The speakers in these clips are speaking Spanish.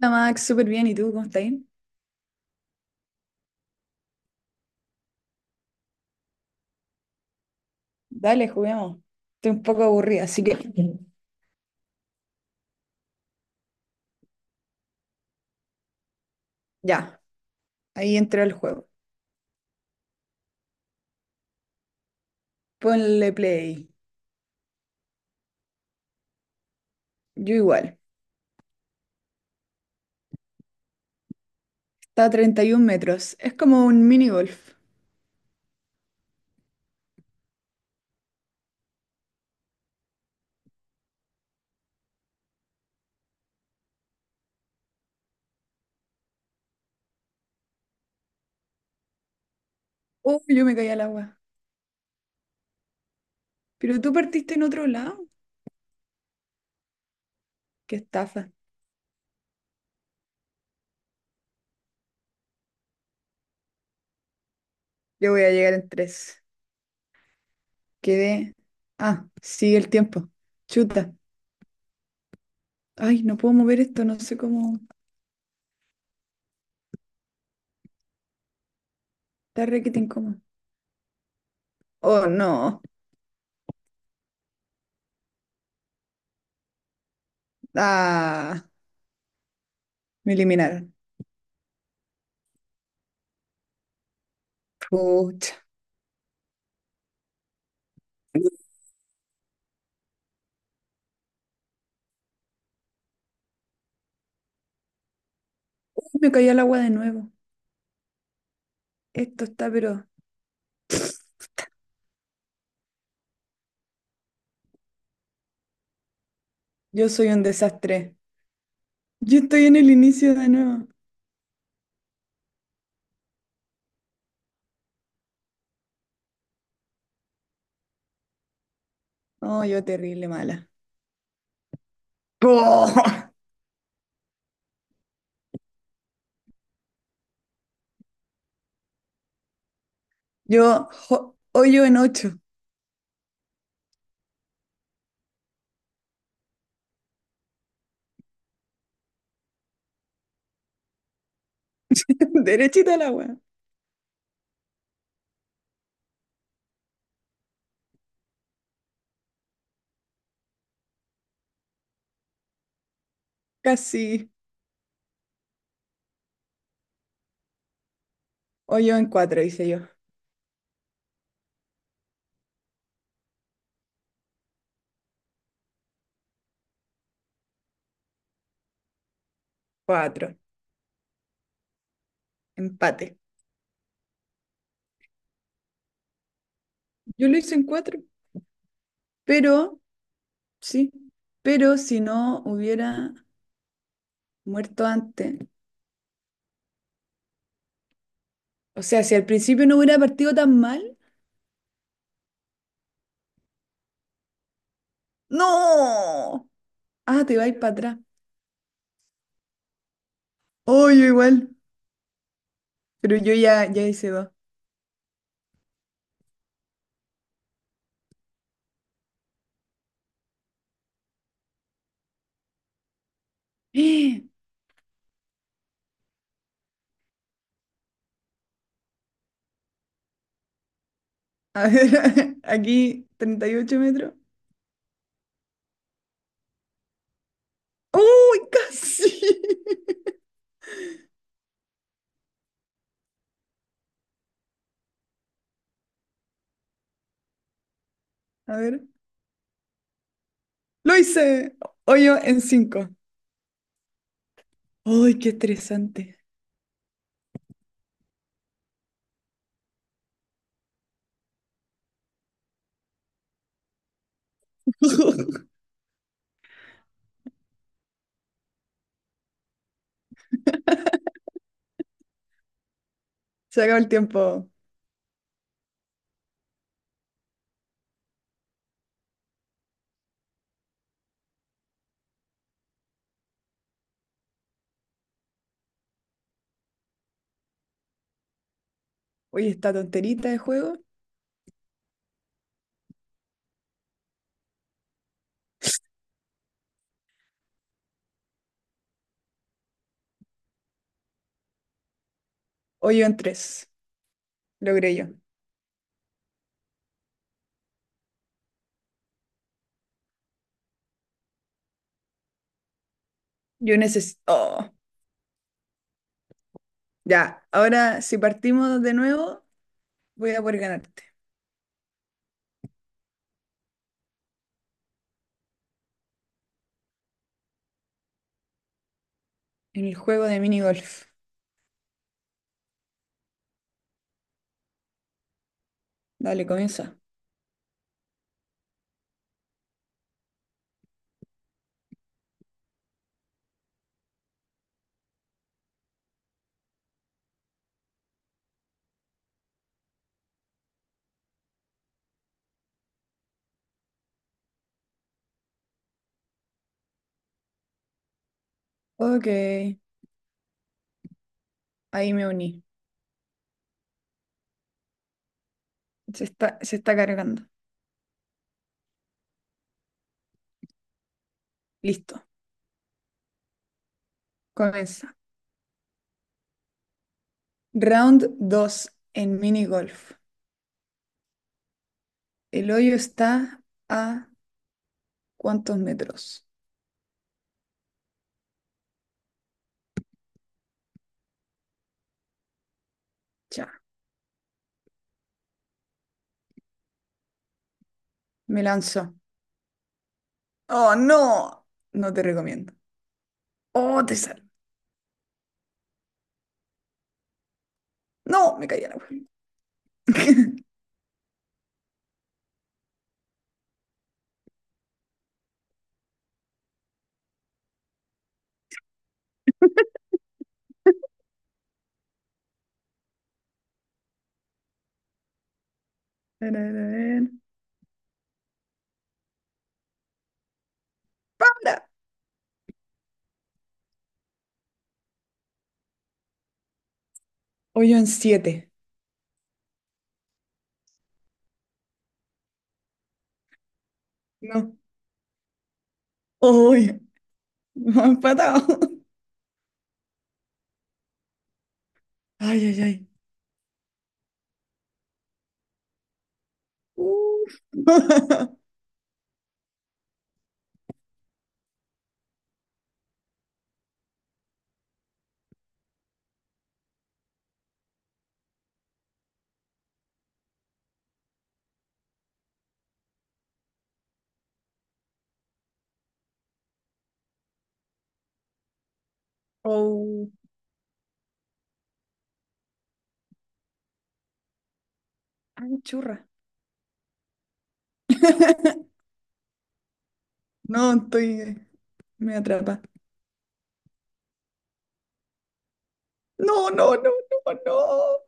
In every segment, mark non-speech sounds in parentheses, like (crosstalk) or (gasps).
Hola Max, súper bien. ¿Y tú cómo estás? Dale, juguemos. Estoy un poco aburrida, así que ya, ahí entra el juego. Ponle play. Yo igual. Está a 31 metros. Es como un mini golf. Uy, yo me caí al agua. Pero tú partiste en otro lado. Qué estafa. Yo voy a llegar en tres. Quedé. Ah, sigue el tiempo. Chuta. Ay, no puedo mover esto, no sé cómo. Está requete incómodo. Oh, no. Ah, me eliminaron. Pucha. Uy, me caí al agua de nuevo. Esto está, pero yo soy un desastre. Yo estoy en el inicio de nuevo. Oh, yo terrible mala. ¡Oh! Hoyo en ocho. (laughs) Derechita al agua. Casi. Hoyo en cuatro, hice yo. Cuatro. Empate. Yo lo hice en cuatro, pero sí. Pero si no hubiera muerto antes. O sea, si al principio no hubiera partido tan mal. ¡No! Ah, te vais para atrás. Oh, yo igual. Pero yo ya, hice dos. (gasps) A ver, (laughs) aquí 38 metros. ¡Uy, casi! (laughs) A ver, lo hice. Hoyo en 5. ¡Uy, qué estresante! (laughs) Se acabó el tiempo. Oye, esta tonterita de juego. Hoyo en tres. Logré yo. Yo necesito. Oh, ya, ahora si partimos de nuevo, voy a poder ganarte. En el juego de mini golf. Dale, comienza. Ok, ahí me uní. Se está, cargando. Listo, comienza. Round 2 en mini golf. El hoyo está a ¿cuántos metros? Ya, me lanzo. Oh, no. No te recomiendo. Oh, te sal. No, me caí a la agua. (laughs) A ver, a ver, a ver. ¡Para! Hoyo en siete. No. ¡Uy! (laughs) Me han empatado. (laughs) Ay, ay, ay. Uf. (laughs) Oh. Ay, churra. (laughs) No, estoy. Me atrapa. No, no, no, no, no.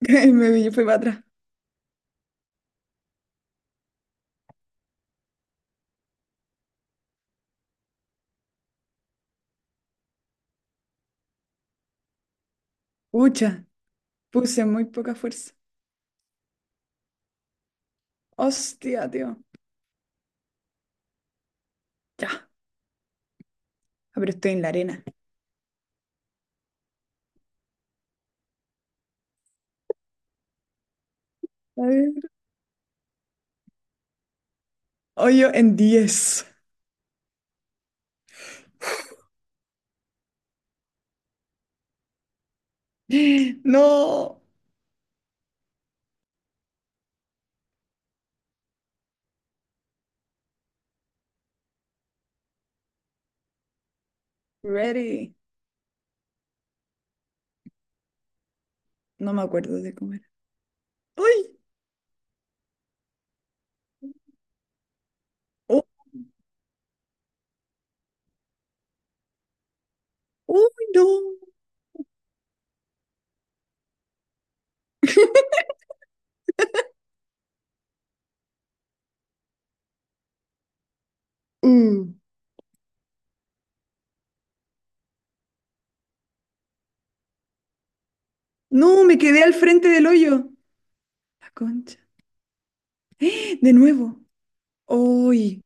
(laughs) Me fui para atrás. Pucha, puse muy poca fuerza. Hostia, tío. Ya, ah, pero estoy en la arena. A ver. Hoyo en diez. (gasps) No. Ready. No me acuerdo de comer. ¡Ay! ¡Oh! ¡Uy, no! Uh. No, me quedé al frente del hoyo. La concha. De nuevo. ¡Uy!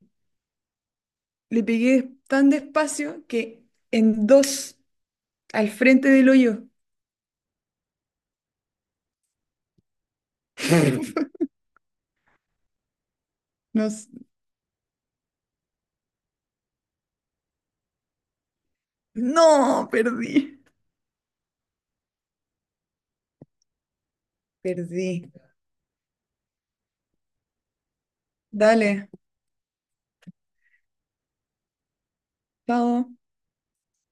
Le pegué tan despacio que en dos al frente del hoyo. (laughs) No, s- No, perdí. Perdí. Dale. Chao.